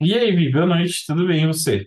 E aí, Vi, boa noite, tudo bem, e você?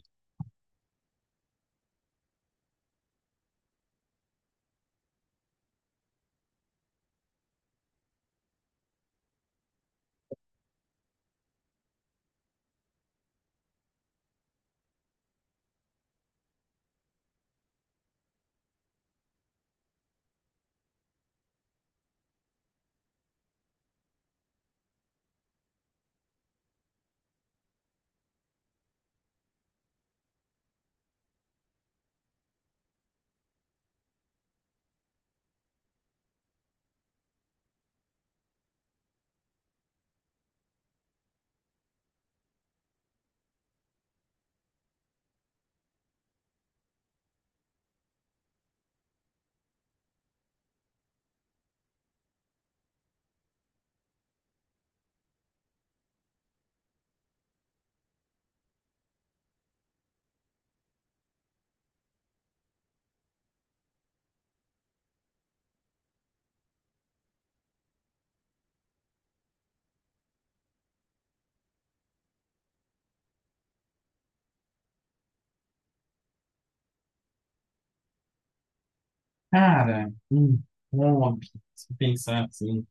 Cara, um hobby, se pensar assim.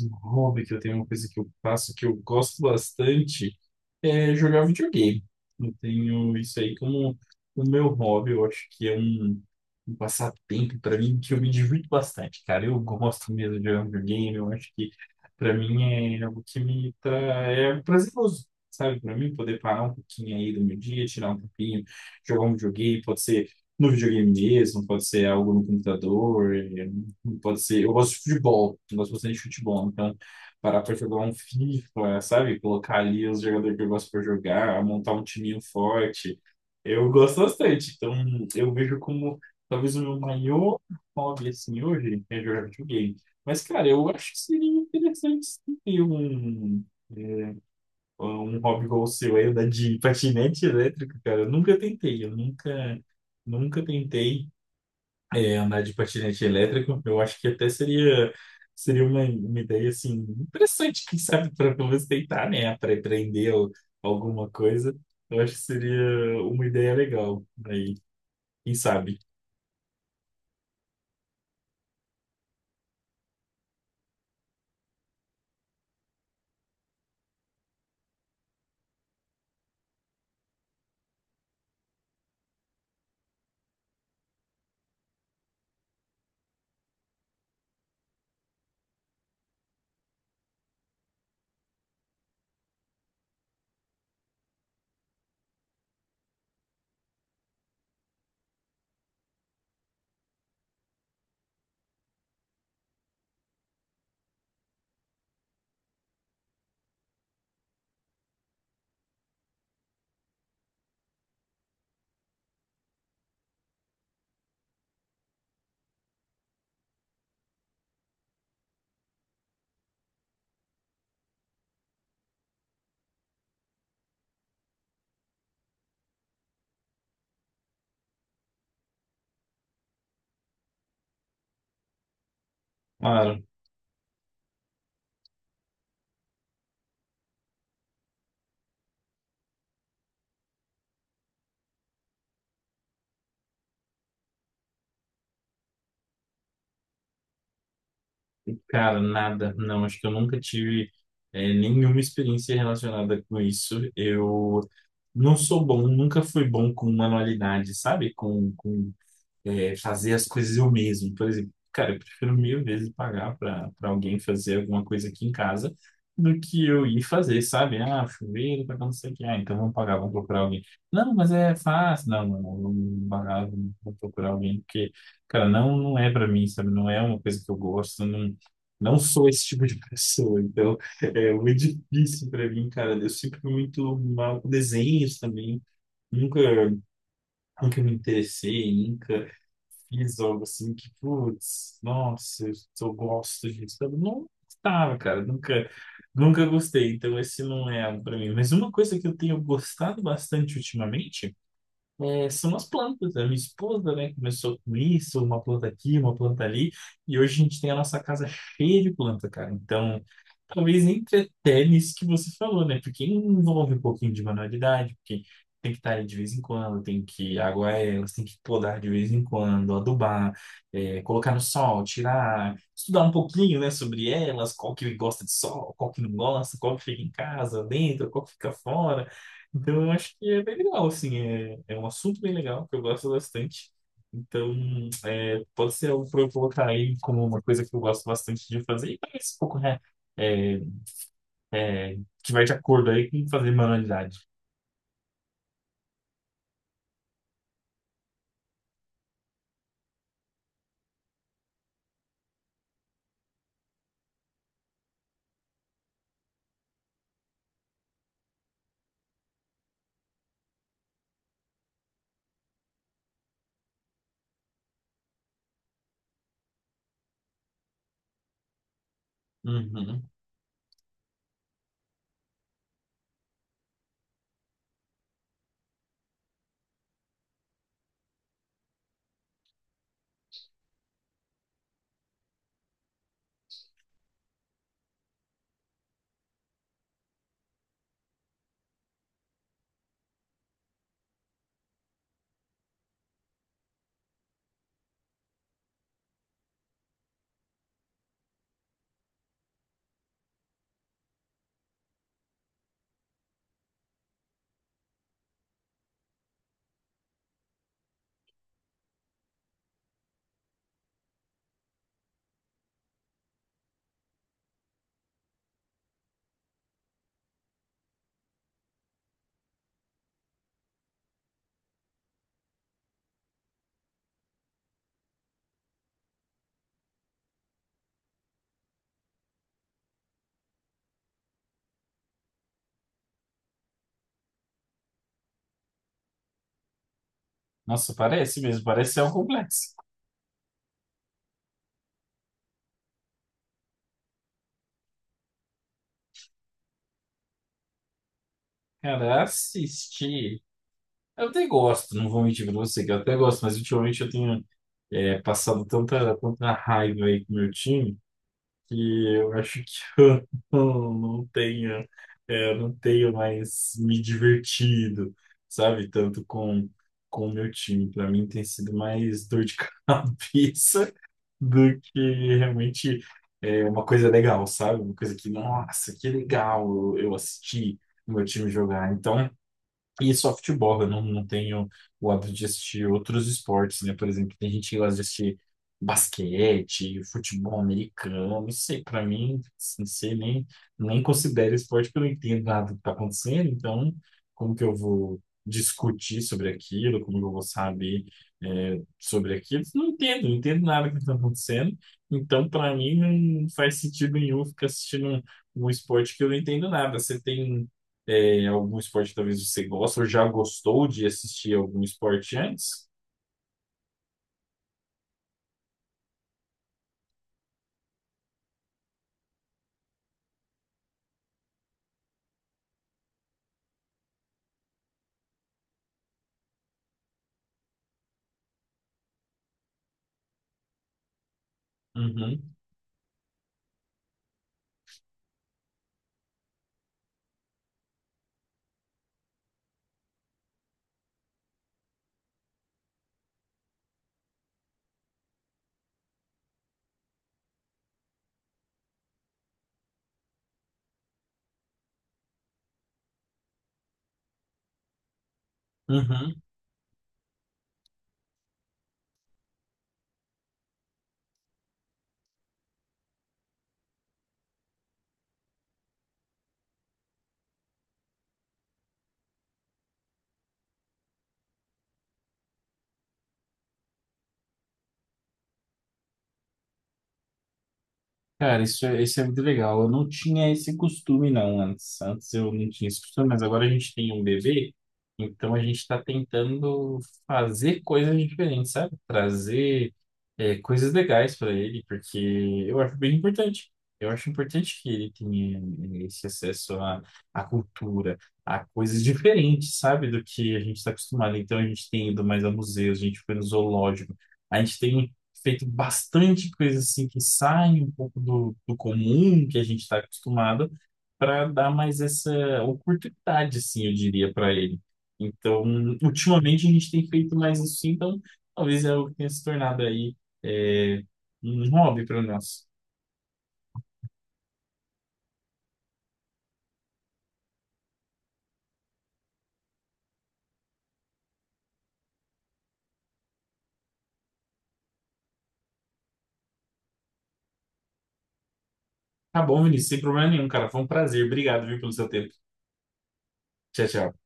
Um hobby que eu tenho, uma coisa que eu faço que eu gosto bastante é jogar videogame. Eu tenho isso aí como o meu hobby. Eu acho que é um passatempo para mim que eu me divirto bastante, cara. Eu gosto mesmo de jogar videogame. Eu acho que para mim é algo que é prazeroso, sabe? Para mim poder parar um pouquinho aí do meu dia, tirar um tempinho, jogar um videogame, pode ser no videogame mesmo, pode ser algo no computador. Pode ser. Eu gosto de futebol. Eu gosto bastante de futebol. Então, parar pra jogar um FIFA, sabe? Colocar ali os jogadores que eu gosto pra jogar, montar um timinho forte. Eu gosto bastante. Então, eu vejo como talvez o meu maior hobby, assim, hoje é jogar videogame. Mas, cara, eu acho que seria interessante sim, ter é, um hobby igual o seu aí, andar de patinete elétrico, cara. Eu nunca tentei. Eu nunca tentei andar de patinete elétrico, eu acho que até seria uma ideia assim interessante, quem sabe, para pelo menos tentar, né, para alguma coisa. Eu acho que seria uma ideia legal aí, quem sabe. Ah, cara, nada, não, acho que eu nunca tive nenhuma experiência relacionada com isso. Eu não sou bom, nunca fui bom com manualidade, sabe? Com fazer as coisas eu mesmo. Por exemplo, cara, eu prefiro mil vezes pagar para alguém fazer alguma coisa aqui em casa do que eu ir fazer, sabe? Ah, chuveiro, para não sei o que. Ah, então vamos pagar, vamos procurar alguém. Não, mas é fácil. Não, não, não, vamos pagar, vamos procurar alguém, porque, cara, não, não é para mim, sabe? Não é uma coisa que eu gosto, não. Não sou esse tipo de pessoa, então é muito difícil para mim, cara. Eu sempre fui muito mal com desenhos também. Nunca nunca me interessei, nunca fiz algo assim que, putz, nossa, eu só gosto disso. Eu não gostava, cara, nunca gostei, então esse não é algo pra mim. Mas uma coisa que eu tenho gostado bastante ultimamente é, são as plantas. Né? A minha esposa, né, começou com isso, uma planta aqui, uma planta ali, e hoje a gente tem a nossa casa cheia de planta, cara. Então, talvez entre até nisso que você falou, né? Porque envolve um pouquinho de manualidade, porque tem que estar aí de vez em quando, tem que aguar elas, tem que podar de vez em quando, adubar, é, colocar no sol, tirar, estudar um pouquinho, né, sobre elas, qual que gosta de sol, qual que não gosta, qual que fica em casa, dentro, qual que fica fora. Então, eu acho que é bem legal, assim, é um assunto bem legal, que eu gosto bastante. Então, é, pode ser algo para eu colocar aí como uma coisa que eu gosto bastante de fazer, e parece um pouco né, é, é, que vai de acordo aí com fazer manualidade. Uhum. Nossa, parece mesmo, parece ser um complexo. Cara, assistir. Eu até gosto, não vou mentir pra você, que eu até gosto, mas ultimamente eu tenho passado tanta raiva aí com o meu time. Que eu acho que eu não tenha, eu não tenho mais me divertido, sabe? Tanto com o meu time. Para mim tem sido mais dor de cabeça do que realmente é uma coisa legal, sabe? Uma coisa que, nossa, que legal eu assisti o meu time jogar. Então, e softball, eu não, não tenho o hábito de assistir outros esportes, né? Por exemplo, tem gente que gosta de assistir basquete, futebol americano, não sei, pra mim, não sei, nem considero esporte porque eu não entendo nada do que tá acontecendo, então como que eu vou discutir sobre aquilo, como que eu vou saber sobre aquilo? Não entendo nada do que tá acontecendo, então pra mim não faz sentido nenhum ficar assistindo um esporte que eu não entendo nada. Você tem algum esporte que talvez você gosta ou já gostou de assistir algum esporte antes? Uhum, uhum. Cara, isso é muito legal. Eu não tinha esse costume, não, antes. Antes eu não tinha esse costume, mas agora a gente tem um bebê, então a gente está tentando fazer coisas diferentes, sabe? Trazer, é, coisas legais para ele, porque eu acho bem importante. Eu acho importante que ele tenha eh, esse acesso à cultura, a coisas diferentes, sabe? Do que a gente está acostumado. Então a gente tem ido mais a museus, a gente foi no zoológico, a gente tem feito bastante coisa assim que sai um pouco do comum que a gente está acostumado para dar mais essa oportunidade, assim, eu diria, para ele. Então, ultimamente a gente tem feito mais isso, então talvez é algo que tenha se tornado aí é, um hobby para nós. Tá bom, Vinícius, sem problema nenhum, cara. Foi um prazer. Obrigado, viu, pelo seu tempo. Tchau, tchau.